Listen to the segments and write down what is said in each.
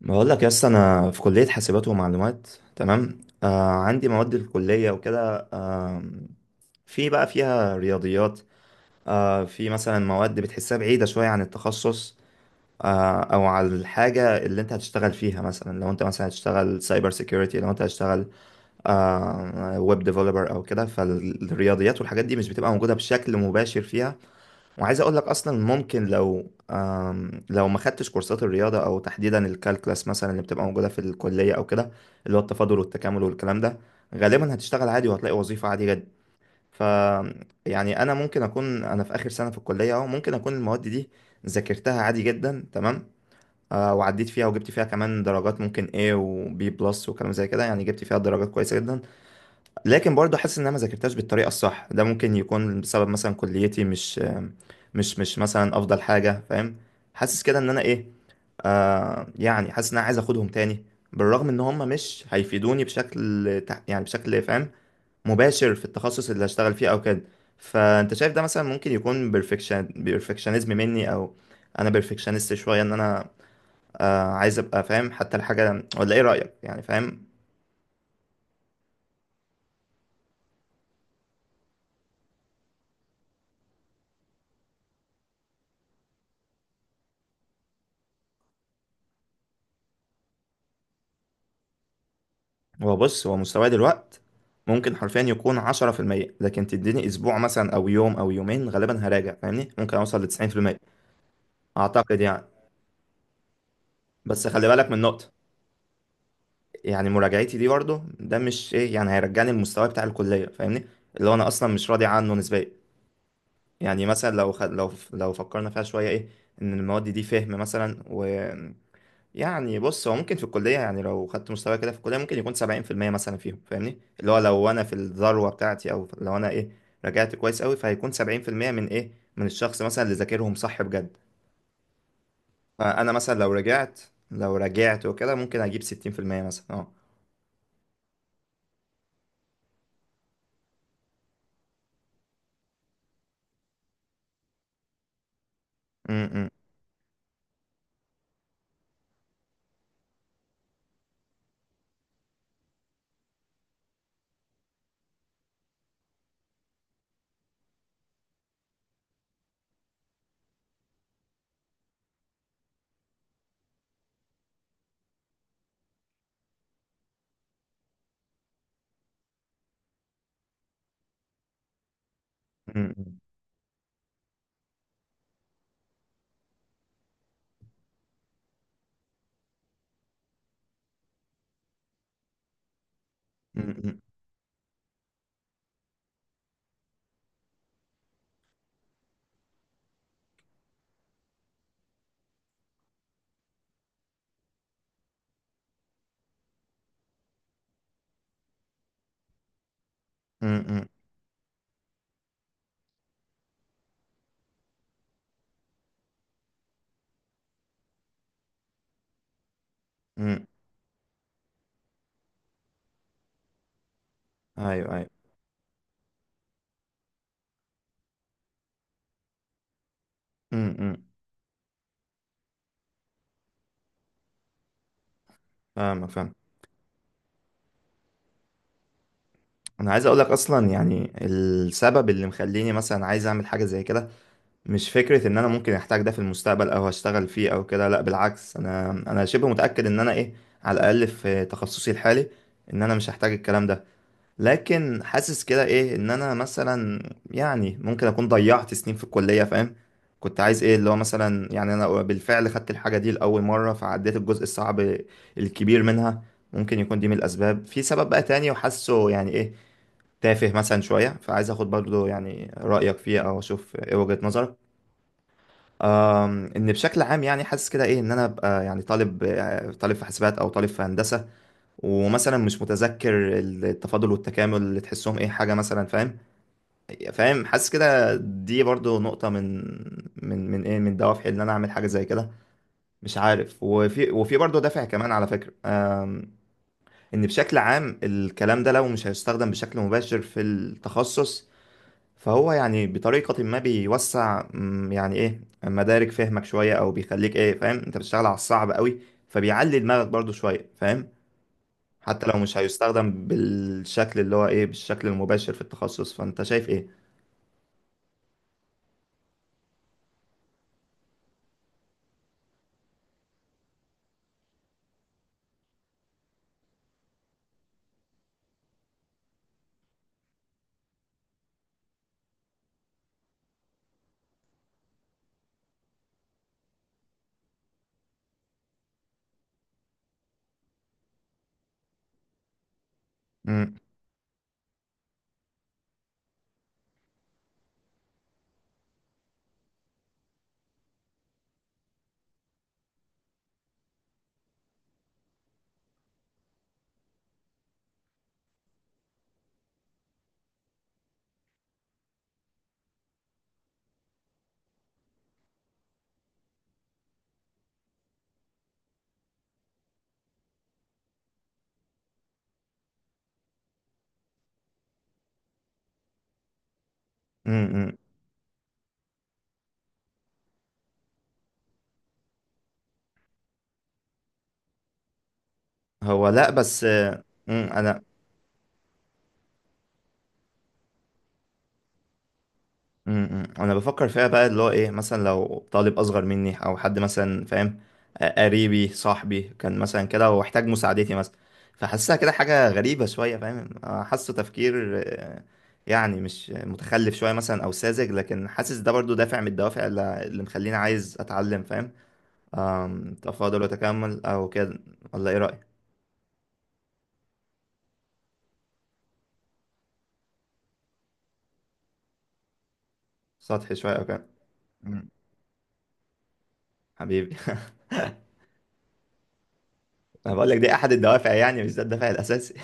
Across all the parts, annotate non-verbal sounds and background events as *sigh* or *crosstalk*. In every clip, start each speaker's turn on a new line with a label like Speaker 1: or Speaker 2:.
Speaker 1: بقول لك يس، انا في كليه حاسبات ومعلومات. تمام. عندي مواد الكليه وكده. في بقى فيها رياضيات. في مثلا مواد بتحسها بعيده شويه عن التخصص، او على الحاجه اللي انت هتشتغل فيها. مثلا لو انت مثلا هتشتغل سايبر سيكيورتي، لو انت هتشتغل ويب ديفلوبر او كده، فالرياضيات والحاجات دي مش بتبقى موجوده بشكل مباشر فيها. وعايز اقول لك اصلا ممكن، لو ما خدتش كورسات الرياضه او تحديدا الكالكلاس مثلا اللي بتبقى موجوده في الكليه او كده، اللي هو التفاضل والتكامل والكلام ده، غالبا هتشتغل عادي وهتلاقي وظيفه عادي جدا. ف يعني انا ممكن اكون انا في اخر سنه في الكليه اهو، ممكن اكون المواد دي ذاكرتها عادي جدا، تمام، وعديت فيها وجبت فيها كمان درجات، ممكن A و B بلس وكلام زي كده، يعني جبت فيها درجات كويسه جدا. لكن برضه حاسس ان انا ما ذاكرتهاش بالطريقه الصح. ده ممكن يكون بسبب مثلا كليتي مش مثلا افضل حاجه، فاهم؟ حاسس كده ان انا ايه، يعني حاسس ان انا عايز اخدهم تاني، بالرغم ان هم مش هيفيدوني يعني بشكل فاهم، مباشر في التخصص اللي هشتغل فيه او كده. فانت شايف ده مثلا ممكن يكون بيرفكشنزم مني، او انا بيرفكشنست شويه ان انا، عايز ابقى فاهم حتى الحاجه، ولا ايه رايك يعني؟ فاهم؟ هو، بص، هو مستواه دلوقت ممكن حرفيا يكون 10%، لكن تديني أسبوع مثلا أو يوم أو يومين غالبا هراجع، فاهمني؟ ممكن أوصل ل90%. أعتقد يعني. بس خلي بالك من نقطة، يعني مراجعتي دي برضه ده مش إيه، يعني هيرجعني المستوى بتاع الكلية، فاهمني؟ اللي هو أنا أصلا مش راضي عنه نسبيا. يعني مثلا لو خ... لو لو فكرنا فيها شوية، إيه، إن المواد دي فهم مثلا. يعني، بص، هو ممكن في الكلية، يعني لو خدت مستوى كده في الكلية ممكن يكون 70% مثلا فيهم، فاهمني؟ اللي هو لو أنا في الذروة بتاعتي، أو لو أنا إيه رجعت كويس أوي، فهيكون 70% من إيه، من الشخص مثلا اللي ذاكرهم صح بجد. فأنا مثلا لو رجعت وكده ممكن أجيب 60% مثلا، أه. م- م- م- م- م- م- م- م- أيوه أيوه. م- م. فاهمك، فاهم. أنا عايز أقولك أصلا يعني السبب اللي مخليني مثلا عايز أعمل حاجة زي كده مش فكرة ان انا ممكن احتاج ده في المستقبل او هشتغل فيه او كده. لا، بالعكس، انا شبه متأكد ان انا ايه، على الاقل في تخصصي الحالي، ان انا مش هحتاج الكلام ده. لكن حاسس كده ايه، ان انا مثلا يعني ممكن اكون ضيعت سنين في الكلية، فاهم؟ كنت عايز ايه اللي هو مثلا، يعني انا بالفعل خدت الحاجة دي لأول مرة فعديت الجزء الصعب الكبير منها. ممكن يكون دي من الاسباب. في سبب بقى تاني وحاسه يعني ايه، تافه مثلا شوية، فعايز اخد برضو يعني رأيك فيه، او اشوف ايه وجهة نظرك. ان بشكل عام يعني حاسس كده ايه، ان انا ابقى يعني طالب، طالب في حاسبات او طالب في هندسه، ومثلا مش متذكر التفاضل والتكامل اللي تحسهم ايه حاجه مثلا، فاهم؟ فاهم، حاسس كده دي برضو نقطه من دوافعي ان انا اعمل حاجه زي كده، مش عارف. وفي برضو دافع كمان على فكره. ان بشكل عام الكلام ده لو مش هيستخدم بشكل مباشر في التخصص، فهو يعني بطريقة ما بيوسع، يعني ايه، مدارك فهمك شوية، او بيخليك ايه فاهم انت بتشتغل على الصعب قوي، فبيعلي دماغك برضو شوية، فاهم؟ حتى لو مش هيستخدم بالشكل اللي هو ايه، بالشكل المباشر في التخصص، فانت شايف ايه؟ مم، مم، مم. هو لا، بس انا، انا بفكر فيها بقى اللي هو ايه، مثلا لو طالب اصغر مني او حد مثلا فاهم، قريبي، صاحبي، كان مثلا كده واحتاج مساعدتي مثلا. فحاسسها كده حاجة غريبة شوية، فاهم؟ حاسه تفكير، يعني مش متخلف شوية مثلا او ساذج. لكن حاسس ده برضو دافع من الدوافع اللي مخليني عايز اتعلم، فاهم؟ تفاضل وتكامل او كده، ولا ايه رأيك؟ سطحي شوية او كده. مم. حبيبي *laughs* انا بقول لك دي احد الدوافع، يعني مش ده الدافع الاساسي.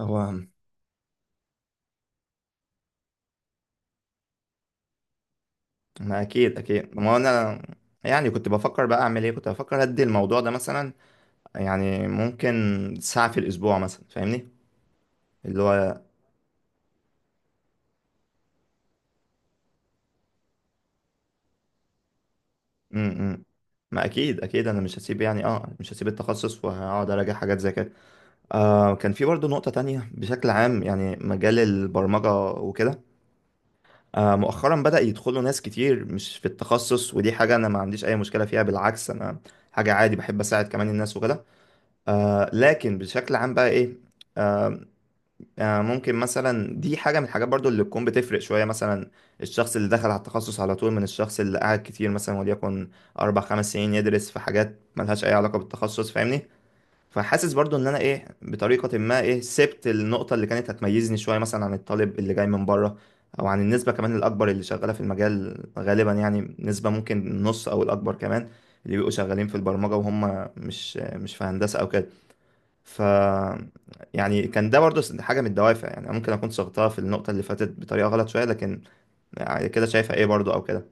Speaker 1: هو ما اكيد اكيد، ما هو انا، يعني كنت بفكر بقى اعمل ايه، كنت بفكر ادي الموضوع ده مثلا يعني ممكن ساعة في الاسبوع مثلا، فاهمني؟ اللي هو امم، إمم. ما اكيد اكيد انا مش هسيب يعني، اه مش هسيب التخصص وهقعد اراجع حاجات زي كده. كان في برضه نقطة تانية بشكل عام، يعني مجال البرمجة وكده. مؤخرا بدأ يدخلوا ناس كتير مش في التخصص، ودي حاجة انا ما عنديش اي مشكلة فيها، بالعكس انا حاجة عادي بحب اساعد كمان الناس وكده. لكن بشكل عام بقى ايه، ممكن مثلا دي حاجة من الحاجات برضو اللي تكون بتفرق شوية مثلا، الشخص اللي دخل على التخصص على طول من الشخص اللي قعد كتير مثلا وليكن أربع خمس سنين يدرس في حاجات ملهاش أي علاقة بالتخصص، فاهمني؟ فحاسس برضو إن أنا إيه بطريقة ما، إيه، سبت النقطة اللي كانت هتميزني شوية مثلا عن الطالب اللي جاي من بره، أو عن النسبة كمان الأكبر اللي شغالة في المجال غالبا. يعني نسبة ممكن النص أو الأكبر كمان اللي بيبقوا شغالين في البرمجة وهم مش في هندسة أو كده. ف يعني كان ده برضو حاجة من الدوافع، يعني ممكن أكون صغتها في النقطة اللي فاتت بطريقة غلط شوية، لكن يعني كده شايفها إيه برضو أو كده.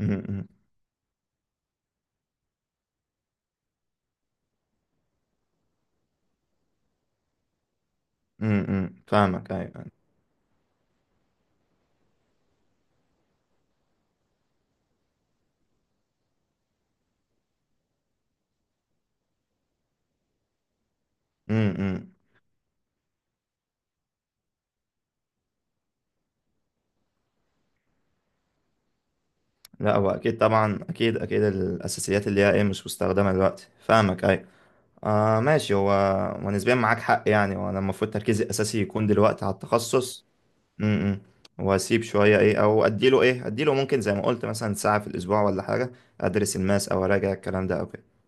Speaker 1: أمم، أمم، أمم، فاهمك، أيوة. أمم، أمم. لا، هو أكيد، طبعا أكيد أكيد الأساسيات اللي هي إيه مش مستخدمة دلوقتي، فاهمك، أيوة. ماشي. هو ونسبيا معاك حق يعني، وأنا المفروض تركيزي الأساسي يكون دلوقتي على التخصص. أمم، أمم. وأسيب شوية إيه، أو أديله إيه، أديله ممكن زي ما قلت مثلا ساعة في الأسبوع ولا حاجة، أدرس الماس أو أراجع الكلام ده أو كده.